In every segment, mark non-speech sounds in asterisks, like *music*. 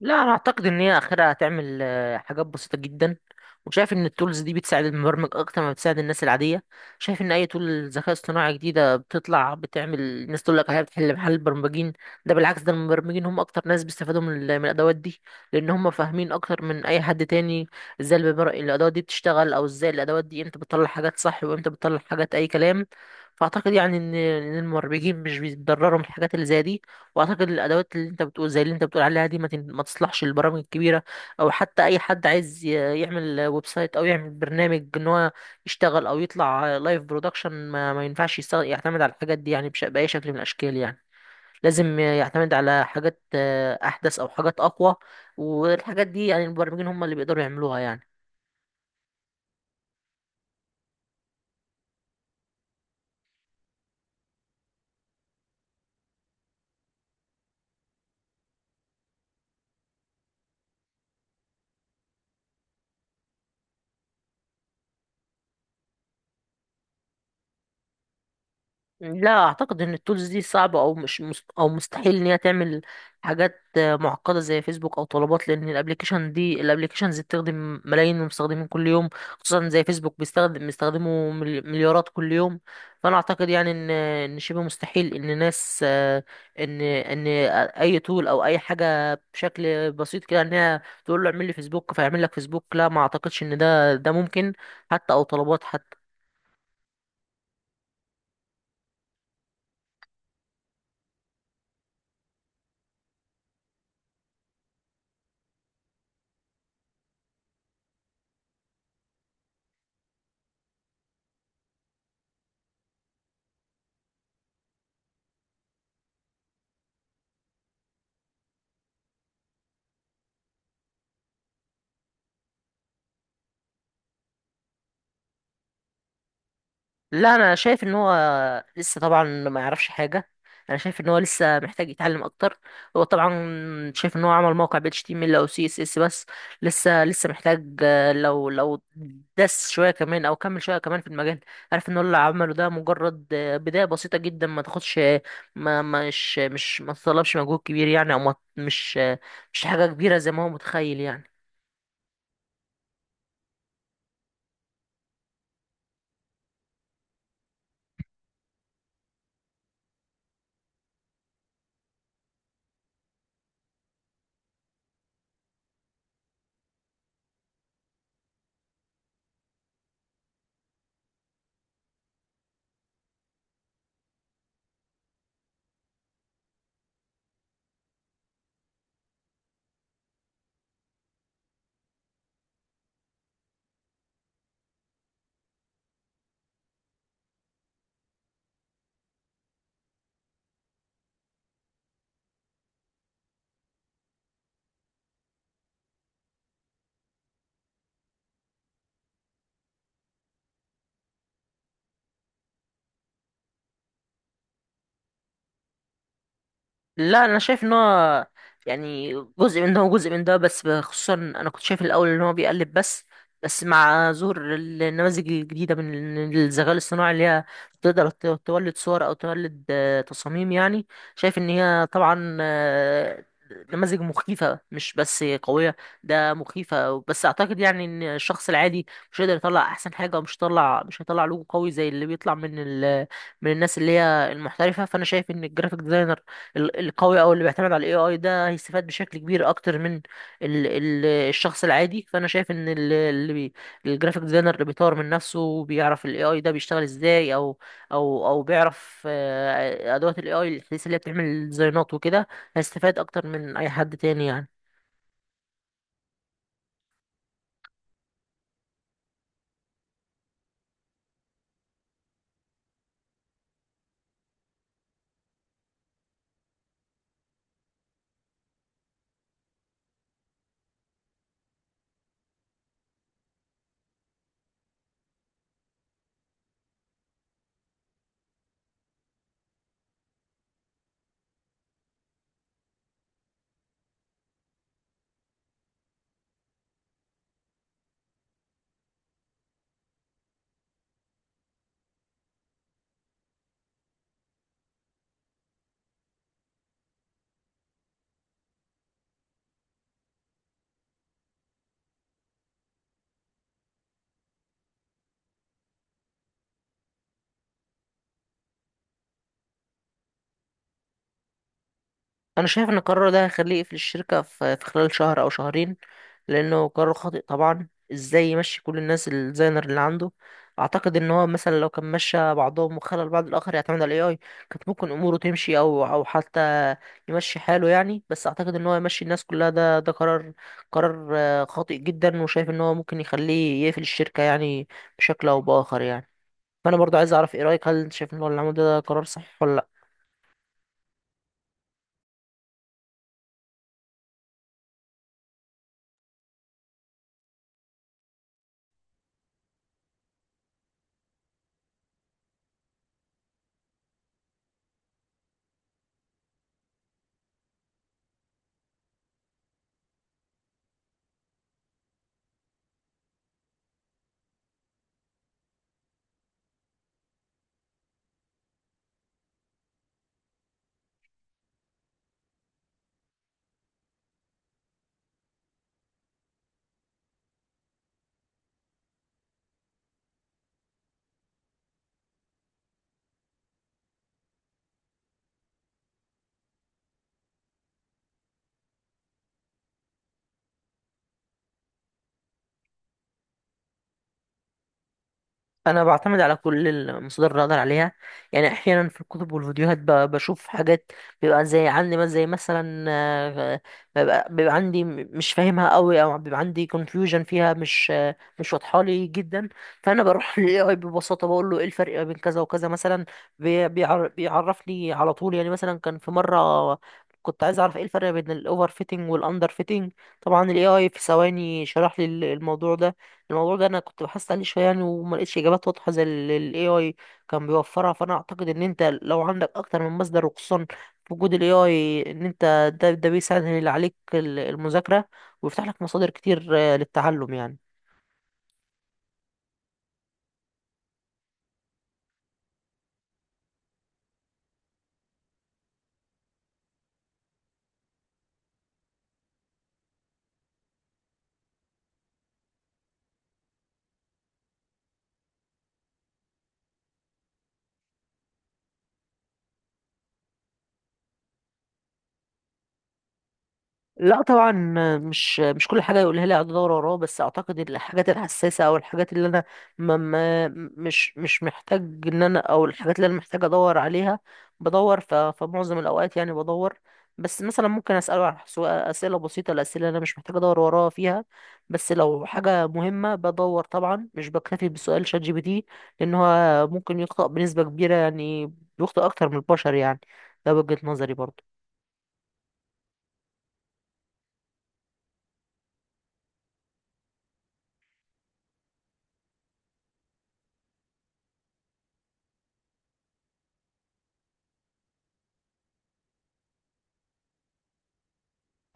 لا، انا اعتقد ان هي اخرها هتعمل حاجات بسيطه جدا. وشايف ان التولز دي بتساعد المبرمج اكتر ما بتساعد الناس العاديه. شايف ان اي تول ذكاء اصطناعي جديده بتطلع بتعمل الناس تقول لك هي بتحل محل البرمجين. ده بالعكس، ده المبرمجين هم اكتر ناس بيستفادوا من الادوات دي، لان هم فاهمين اكتر من اي حد تاني ازاي الادوات دي بتشتغل، او ازاي الادوات دي امتى بتطلع حاجات صح وامتى بتطلع حاجات اي كلام. فاعتقد يعني ان المبرمجين مش بيتضرروا من الحاجات اللي زي دي. واعتقد الادوات اللي انت بتقول زي اللي انت بتقول عليها دي ما تصلحش للبرامج الكبيره، او حتى اي حد يعمل ويب سايت او يعمل برنامج ان هو يشتغل او يطلع لايف برودكشن، ما ينفعش يعتمد على الحاجات دي يعني باي شكل من الاشكال يعني. لازم يعتمد على حاجات احدث او حاجات اقوى، والحاجات دي يعني المبرمجين هم اللي بيقدروا يعملوها يعني. لا، اعتقد ان التولز دي صعبه او مش مست... او مستحيل ان هي تعمل حاجات معقده زي فيسبوك او طلبات، لان الابلكيشنز بتخدم ملايين من المستخدمين كل يوم. خصوصا زي فيسبوك بيستخدموا مليارات كل يوم. فانا اعتقد يعني ان شبه مستحيل ان ناس ان اي تول او اي حاجه بشكل بسيط كده ان هي تقول له اعمل لي فيسبوك فيعمل لك فيسبوك. لا، ما اعتقدش ان ده ممكن، حتى او طلبات. لا، انا شايف ان هو لسه طبعا ما يعرفش حاجه. انا شايف ان هو لسه محتاج يتعلم اكتر. هو طبعا شايف ان هو عمل موقع ب HTML او CSS بس. لسه محتاج، لو دس شويه كمان او كمل شويه كمان في المجال، عارف ان هو اللي عمله ده مجرد بدايه بسيطه جدا ما تاخدش، ما مش مش ما تطلبش مجهود كبير يعني، او ما مش آه، مش حاجه كبيره زي ما هو متخيل يعني. لا، انا شايف ان هو يعني جزء من ده وجزء من ده، بس خصوصا انا كنت شايف الاول ان هو بيقلب بس. بس مع ظهور النماذج الجديده من الذكاء الاصطناعي اللي هي تولد صور او تولد تصاميم يعني، شايف ان هي طبعا نماذج مخيفه مش بس قويه، ده مخيفه. بس اعتقد يعني ان الشخص العادي مش هيقدر يطلع احسن حاجه، ومش هيطلع مش هيطلع لوجو قوي زي اللي بيطلع من ال من الناس اللي هي المحترفة. فأنا شايف إن الجرافيك ديزاينر القوي او اللي بيعتمد على الاي اي ده هيستفاد بشكل كبير اكتر من ال ال الشخص العادي. فانا شايف ان ال- اللي بي الجرافيك ديزاينر اللي بيطور من نفسه وبيعرف الاي اي ده بيشتغل ازاي، او بيعرف ادوات الاي اي الحديثه اللي هي بتعمل ديزاينات وكده، هيستفاد اكتر من اي حد تاني يعني. انا شايف ان القرار ده هيخليه يقفل الشركه في خلال شهر او شهرين لانه قرار خاطئ طبعا. ازاي يمشي كل الناس الديزاينر اللي عنده؟ اعتقد ان هو مثلا لو كان مشى بعضهم وخلى البعض الاخر يعتمد على الاي اي، كانت ممكن اموره تمشي او او حتى يمشي حاله يعني. بس اعتقد ان هو يمشي الناس كلها، ده قرار خاطئ جدا، وشايف ان هو ممكن يخليه يقفل الشركه يعني بشكل او باخر يعني. فانا برضو عايز اعرف ايه رايك، هل انت شايف ان هو اللي عمله ده قرار صح ولا؟ انا بعتمد على كل المصادر اللي اقدر عليها يعني. احيانا في الكتب والفيديوهات بشوف حاجات، بيبقى زي عندي مثلا زي مثلا بيبقى عندي مش فاهمها قوي، او بيبقى عندي confusion فيها، مش واضحه لي جدا. فانا بروح *laughs* للاي اي ببساطه بقول له ايه الفرق بين كذا وكذا مثلا، بيعرفني على طول. يعني مثلا كان في مره كنت عايز اعرف ايه الفرق بين الاوفر فيتنج والاندر فيتنج، طبعا الاي اي في ثواني شرح لي الموضوع ده. الموضوع ده انا كنت بحثت عليه شويه يعني وما لقيتش اجابات واضحه زي اللي الاي اي كان بيوفرها. فانا اعتقد ان انت لو عندك اكتر من مصدر، وخصوصا في وجود الاي اي، ان انت ده بيسهل عليك المذاكره، ويفتح لك مصادر كتير للتعلم يعني. لا طبعا، مش كل حاجه يقولها لي اقعد ادور وراه. بس اعتقد إن الحاجات الحساسه، او الحاجات اللي انا ما ما مش مش محتاج ان انا، او الحاجات اللي انا محتاج ادور عليها، بدور. فمعظم الاوقات يعني بدور. بس مثلا ممكن اساله على اسئله بسيطه، الاسئله اللي انا مش محتاج ادور وراها فيها. بس لو حاجه مهمه بدور طبعا، مش بكتفي بسؤال شات جي بي تي، لان هو ممكن يخطئ بنسبه كبيره يعني، بيخطئ اكتر من البشر يعني. ده وجهه نظري برضه.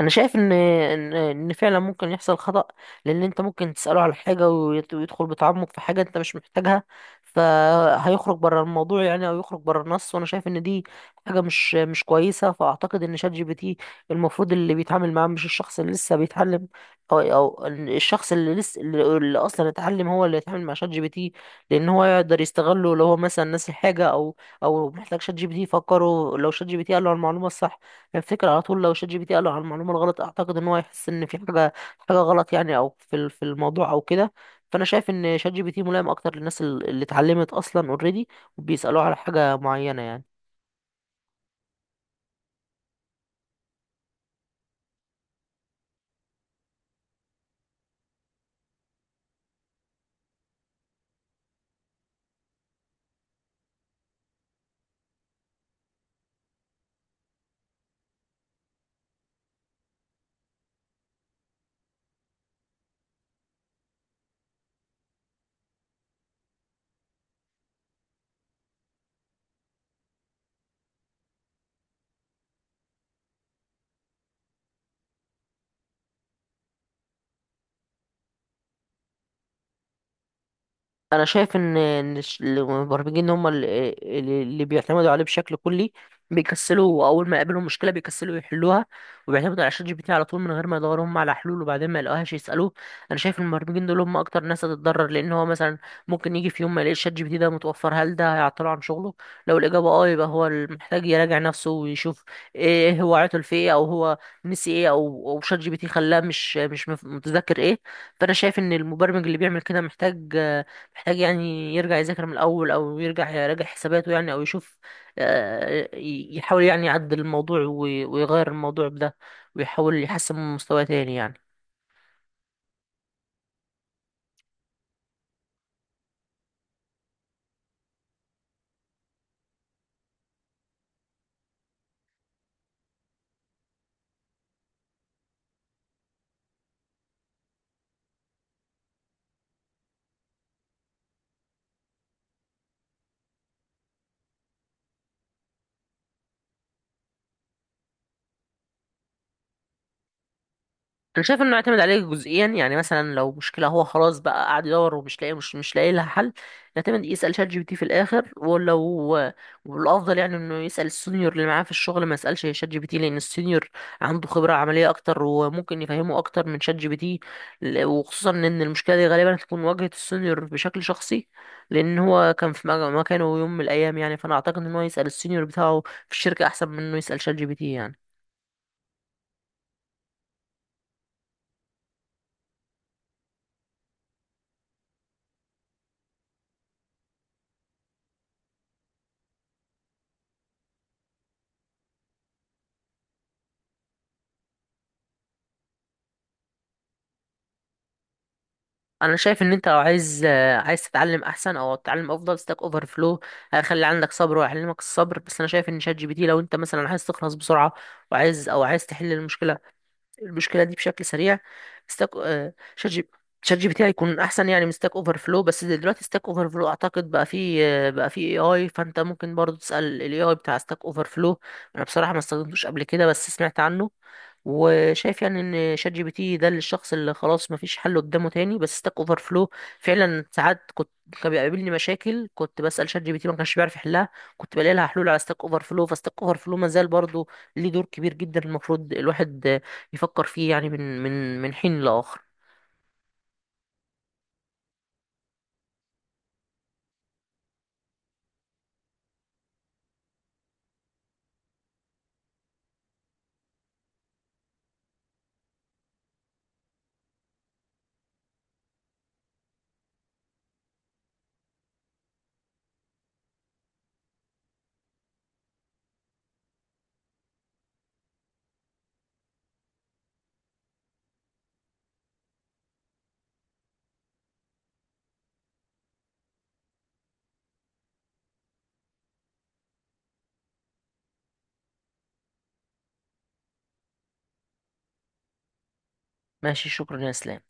انا شايف ان فعلا ممكن يحصل خطأ، لان انت ممكن تسأله على حاجة ويدخل بتعمق في حاجة انت مش محتاجها، فهيخرج بره الموضوع يعني، او يخرج بره النص. وانا شايف ان دي حاجة مش كويسة. فاعتقد ان شات جي بي تي المفروض اللي بيتعامل معاه مش الشخص اللي لسه بيتعلم، او او إن الشخص اللي لسه اللي اللي اصلا اتعلم هو اللي يتعامل مع شات جي بي تي، لان هو يقدر يستغله لو هو مثلا ناسي حاجة، او او محتاج شات جي بي تي يفكره. لو شات جي بي تي قال له المعلومة الصح، الفكرة على طول. لو شات جي بي تي قال له على المعلومة الغلط، أعتقد إن هو هيحس إن في حاجة غلط يعني، أو في في الموضوع أو كده. فأنا شايف إن شات جي بي تي ملائم أكتر للناس اللي اتعلمت أصلا أوريدي، وبيسألوه على حاجة معينة يعني. انا شايف ان المبرمجين اللي بيعتمدوا عليه بشكل كلي بيكسلوا. اول ما يقابلهم مشكله بيكسلوا يحلوها، وبيعتمدوا على شات جي بي تي على طول من غير ما يدوروا هم على حلول، وبعدين ما يلاقوهاش يسالوه. انا شايف المبرمجين دول هم اكتر ناس هتتضرر، لان هو مثلا ممكن يجي في يوم ما يلاقيش شات جي بي تي ده متوفر. هل ده هيعطله عن شغله؟ لو الاجابه اه، يبقى هو محتاج يراجع نفسه ويشوف ايه هو عطل في ايه، او هو نسي ايه، او او شات جي بي تي خلاه مش متذكر ايه. فانا شايف ان المبرمج اللي بيعمل كده محتاج يعني يرجع يذاكر من الأول، أو يرجع يراجع حساباته يعني، أو يشوف، يحاول يعني يعدل الموضوع ويغير الموضوع بده، ويحاول يحسن من مستواه تاني يعني. انا شايف انه يعتمد عليه جزئيا يعني. مثلا لو مشكله هو خلاص بقى قاعد يدور ومش لاقي، مش لاقي لها حل، يعتمد يسال شات جي بي تي في الاخر. ولو والافضل يعني انه يسال السينيور اللي معاه في الشغل، ما يسالش شات جي بي تي، لان السينيور عنده خبره عمليه اكتر وممكن يفهمه اكتر من شات جي بي تي. وخصوصا ان المشكله دي غالبا هتكون واجهه السينيور بشكل شخصي، لان هو كان في مكانه يوم من الايام يعني. فانا اعتقد ان هو يسال السينيور بتاعه في الشركه احسن من انه يسال شات جي بي تي يعني. انا شايف ان انت لو عايز تتعلم احسن او تتعلم افضل، ستاك اوفر فلو هيخلي عندك صبر ويعلمك الصبر. بس انا شايف ان شات جي بي تي لو انت مثلا عايز تخلص بسرعه، وعايز او عايز تحل المشكله دي بشكل سريع، ستاك آه، شات جي شات جي بي تي هيكون احسن يعني من ستاك اوفر فلو. بس دلوقتي ستاك اوفر فلو اعتقد بقى فيه اي اي، فانت ممكن برضو تسال الاي اي بتاع ستاك اوفر فلو. انا بصراحه ما استخدمتوش قبل كده بس سمعت عنه، وشايف يعني ان شات جي بي تي ده للشخص اللي خلاص مفيش حل قدامه تاني. بس ستاك اوفر فلو فعلا ساعات كنت، كان بيقابلني مشاكل كنت بسال شات جي بي تي ما كانش بيعرف يحلها، كنت بلاقي لها حلول على ستاك اوفر فلو. فستاك اوفر فلو ما زال برضه ليه دور كبير جدا، المفروض الواحد يفكر فيه يعني من حين لآخر. ماشي، شكرا يا اسلام.